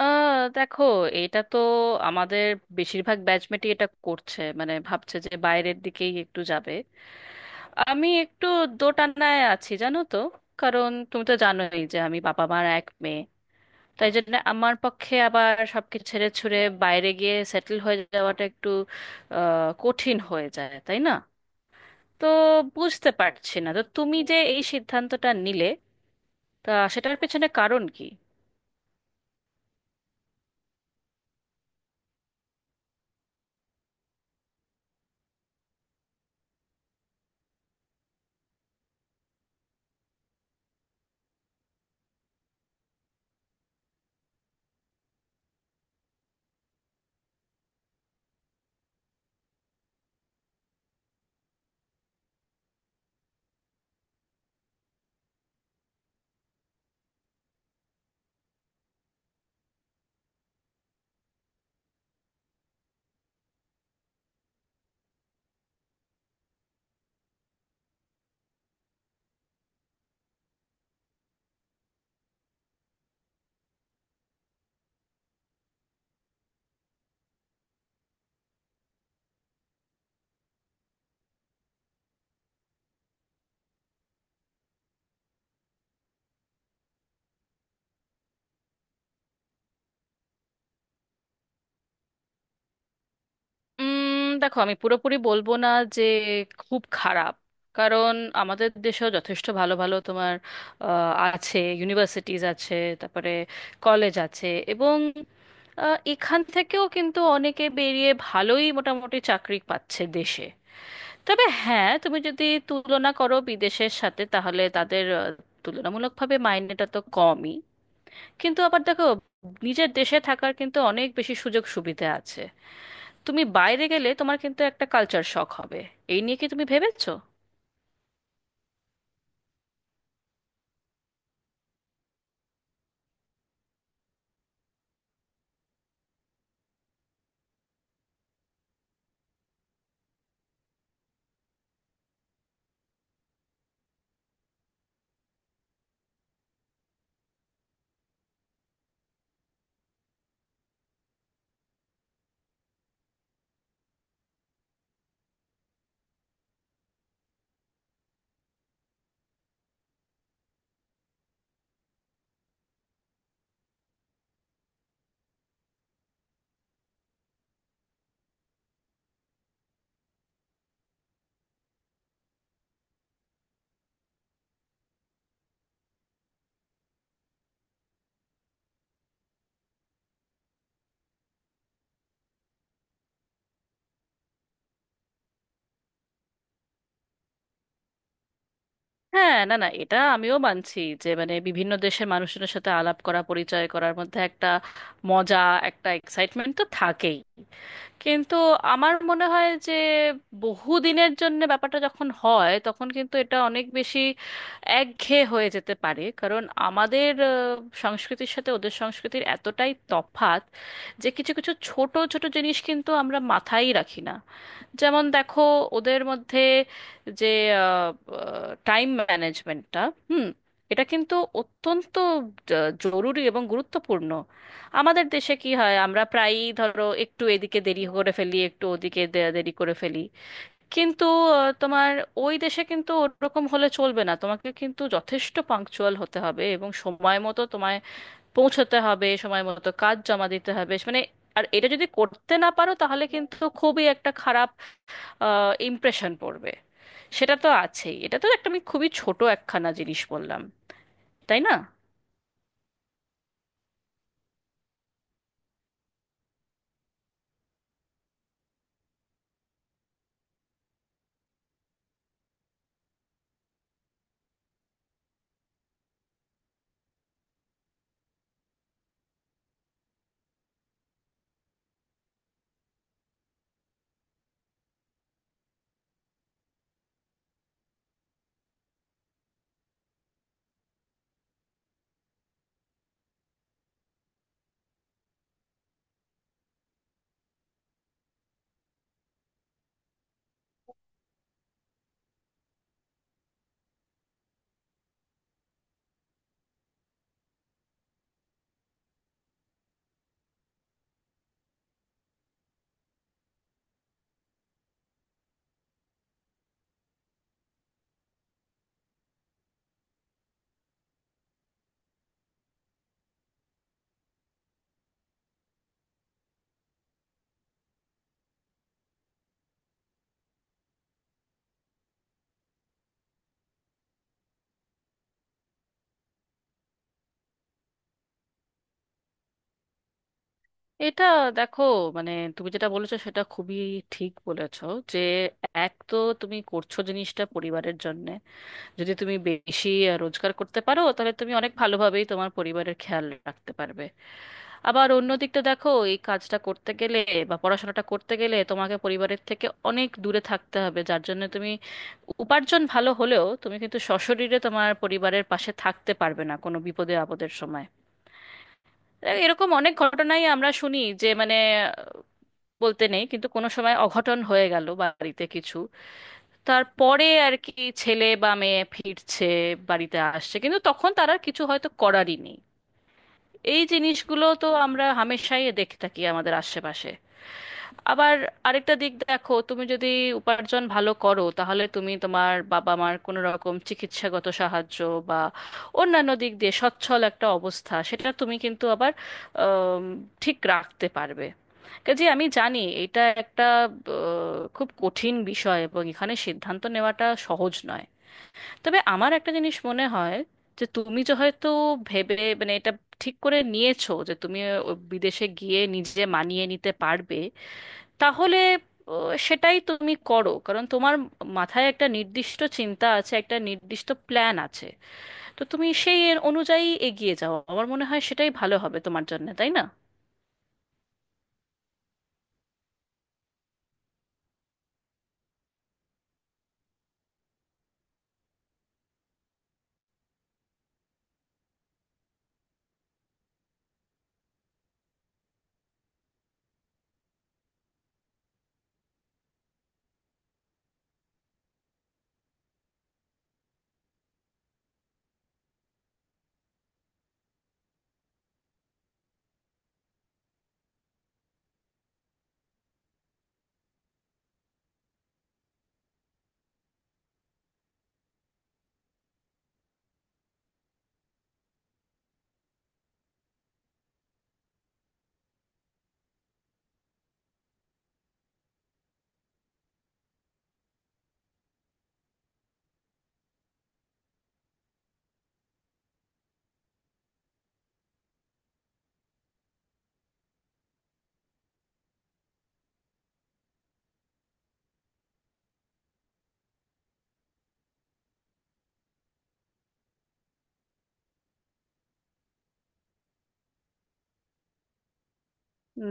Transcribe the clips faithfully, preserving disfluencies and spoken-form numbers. আহ দেখো, এটা তো আমাদের বেশিরভাগ ব্যাচমেটই এটা করছে, মানে ভাবছে যে বাইরের দিকেই একটু যাবে। আমি একটু দোটানায় আছি জানো তো। কারণ তুমি তো জানোই যে আমি বাবা মার এক মেয়ে, তাই জন্য আমার পক্ষে আবার সবকিছু ছেড়ে ছুড়ে বাইরে গিয়ে সেটেল হয়ে যাওয়াটা একটু আহ, কঠিন হয়ে যায়, তাই না? তো বুঝতে পারছি না তো, তুমি যে এই সিদ্ধান্তটা নিলে তা সেটার পেছনে কারণ কি? উম দেখো, আমি পুরোপুরি বলবো না যে খুব খারাপ। কারণ আমাদের দেশেও যথেষ্ট ভালো ভালো তোমার আহ, আছে, ইউনিভার্সিটিজ আছে, তারপরে কলেজ আছে। এবং আহ, এখান থেকেও কিন্তু অনেকে বেরিয়ে ভালোই মোটামুটি চাকরি পাচ্ছে দেশে। তবে হ্যাঁ, তুমি যদি তুলনা করো বিদেশের সাথে, তাহলে তাদের আহ, তুলনামূলকভাবে মাইনেটা তো কমই। কিন্তু আবার দেখো, নিজের দেশে থাকার কিন্তু অনেক বেশি সুযোগ সুবিধা আছে। তুমি বাইরে গেলে তোমার কিন্তু একটা কালচার শক হবে। এই নিয়ে কি তুমি ভেবেছো? হ্যাঁ, না না, এটা আমিও মানছি যে মানে বিভিন্ন দেশের মানুষজনের সাথে আলাপ করা, পরিচয় করার মধ্যে একটা মজা, একটা এক্সাইটমেন্ট তো থাকেই। কিন্তু আমার মনে হয় যে বহুদিনের জন্য ব্যাপারটা যখন হয়, তখন কিন্তু এটা অনেক বেশি একঘেয়ে হয়ে যেতে পারে। কারণ আমাদের আহ, সংস্কৃতির সাথে ওদের সংস্কৃতির এতটাই তফাত যে কিছু কিছু ছোট ছোট জিনিস কিন্তু আমরা মাথায় রাখি না। যেমন দেখো, ওদের মধ্যে যে টাইম ম্যানেজমেন্টটা, হুম, এটা কিন্তু অত্যন্ত জ- জরুরি এবং গুরুত্বপূর্ণ। আমাদের দেশে কি হয়, আমরা প্রায়ই ধরো একটু এদিকে দেরি করে ফেলি, একটু ওদিকে দে- দেরি করে ফেলি। কিন্তু আহ, তোমার ওই দেশে কিন্তু ওরকম হলে চলবে না। তোমাকে কিন্তু যথেষ্ট পাংচুয়াল হতে হবে এবং সময় মতো তোমায় পৌঁছতে হবে, সময় মতো কাজ জমা দিতে হবে মানে। আর এটা যদি করতে না পারো তাহলে কিন্তু খুবই একটা ইমপ্রেশন পড়বে। সেটা তো আছেই, এটা তো একটা, আমি খুবই ছোট একখানা জিনিস বললাম। তাই না? এটা দেখো মানে তুমি যেটা বলেছো সেটা খুবই ঠিক বলেছো। যে এক তো তুমি করছো জিনিসটা পরিবারের জন্য। যদি তুমি বেশি আহ, রোজগার করতে পারো তাহলে তুমি অনেক ভালোভাবেই তোমার পরিবারের খেয়াল রাখতে পারবে। আবার অন্য দিকটা দেখো, এই কাজটা করতে গেলে বা পড়াশোনাটা করতে গেলে তোমাকে পরিবারের থেকে অনেক দূরে থাকতে হবে, যার জন্য তুমি উপার্জন ভালো হলেও তুমি কিন্তু সশরীরে তোমার পরিবারের পাশে থাকতে পারবে না কোনো বিপদে আপদের সময়। এরকম অনেক ঘটনাই আমরা শুনি, যে মানে বলতে নেই কিন্তু কোনো সময় অঘটন হয়ে গেল বাড়িতে কিছু, তারপরে আর কি ছেলে বা মেয়ে ফিরছে, বাড়িতে আসছে, কিন্তু তখন তার আর কিছু হয়তো করারই নেই। এই জিনিসগুলো তো আমরা হামেশাই দেখে থাকি আমাদের আশেপাশে। আবার আরেকটা দিক দেখো, তুমি যদি উপার্জন ভালো করো তাহলে তুমি তোমার বাবা মার কোনো রকম চিকিৎসাগত সাহায্য বা অন্যান্য দিক দিয়ে সচ্ছল একটা অবস্থা সেটা তুমি কিন্তু আবার আম, ঠিক রাখতে পারবে। কাজে আমি জানি এটা একটা আহ, খুব কঠিন বিষয় এবং এখানে সিদ্ধান্ত নেওয়াটা সহজ নয়। তবে আমার একটা জিনিস মনে হয় যে তুমি যে হয়তো ভেবে মানে এটা ঠিক করে নিয়েছো যে তুমি ও বিদেশে গিয়ে নিজে মানিয়ে নিতে পারবে, তাহলে আহ, সেটাই তুমি করো। কারণ তোমার মাথায় একটা নির্দিষ্ট চিন্তা আছে, একটা নির্দিষ্ট প্ল্যান আছে। তো তুমি সেই এর অনুযায়ী এগিয়ে যাও, আমার মনে হয় সেটাই ভালো হবে তোমার জন্য, তাই না?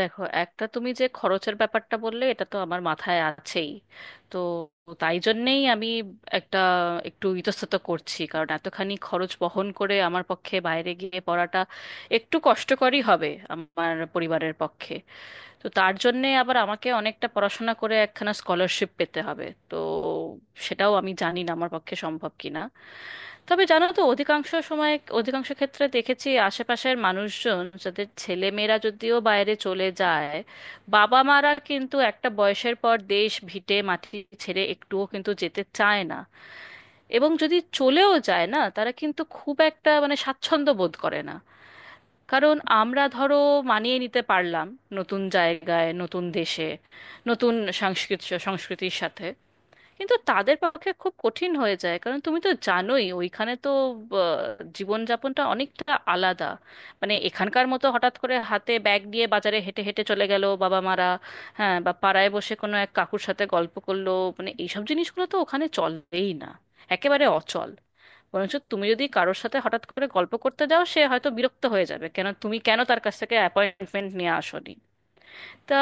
দেখো একটা, তুমি যে খরচের ব্যাপারটা বললে এটা তো আমার মাথায় আছেই। তো তাই জন্যেই আমি একটা একটু ইতস্তত করছি, কারণ এতখানি খরচ বহন করে আমার পক্ষে বাইরে গিয়ে পড়াটা একটু কষ্টকরই হবে আমার পরিবারের পক্ষে। তো তার জন্যে আবার আমাকে অনেকটা পড়াশোনা করে একখানা স্কলারশিপ পেতে হবে, তো সেটাও আমি জানি না আমার পক্ষে সম্ভব কিনা। তবে জানো তো অধিকাংশ সময়, অধিকাংশ ক্ষেত্রে দেখেছি, আশেপাশের মানুষজন যাদের ছেলে মেয়েরা যদিও বাইরে চলে যায়, বাবা মারা কিন্তু একটা বয়সের পর দেশ ভিটে মাটি ছেড়ে একটুও কিন্তু যেতে চায় না। এবং যদি চলেও যায় না, তারা কিন্তু খুব একটা মানে স্বাচ্ছন্দ্য বোধ করে না। কারণ আমরা ধরো মানিয়ে নিতে পারলাম নতুন জায়গায়, নতুন দেশে, নতুন সংস্কৃতি সংস্কৃতির সাথে, কিন্তু তাদের পক্ষে খুব কঠিন হয়ে যায়। কারণ তুমি তো জানোই ওইখানে তো আহ, জীবনযাপনটা অনেকটা আলাদা। মানে এখানকার মতো হঠাৎ করে হাতে ব্যাগ নিয়ে বাজারে হেঁটে হেঁটে চলে গেল বাবা মারা, হ্যাঁ, বা পাড়ায় বসে কোনো এক কাকুর সাথে গল্প করলো, মানে এইসব জিনিসগুলো তো ওখানে চলেই না, একেবারে অচল। বরঞ্চ তুমি যদি কারোর সাথে হঠাৎ করে গল্প করতে যাও সে হয়তো বিরক্ত হয়ে যাবে, কেন তুমি, কেন তার কাছ থেকে অ্যাপয়েন্টমেন্ট নিয়ে আসোনি। তা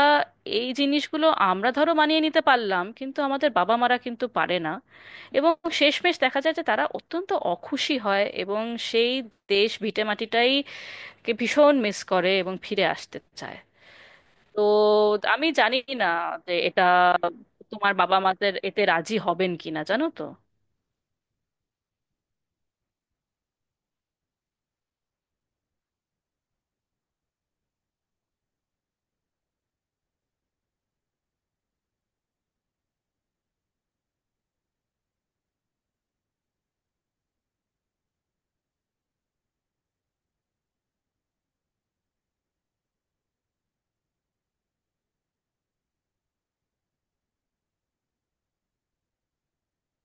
এই জিনিসগুলো আমরা ধরো মানিয়ে নিতে পারলাম, কিন্তু আমাদের বাবা মারা কিন্তু পারে না। এবং শেষমেশ দেখা যায় যে তারা অত্যন্ত অখুশি হয় এবং সেই দেশ ভিটেমাটিটাই কে ভীষণ মিস করে এবং ফিরে আসতে চায়। তো আমি জানি না যে এটা তোমার বাবা মাদের এতে রাজি হবেন কিনা, জানো তো।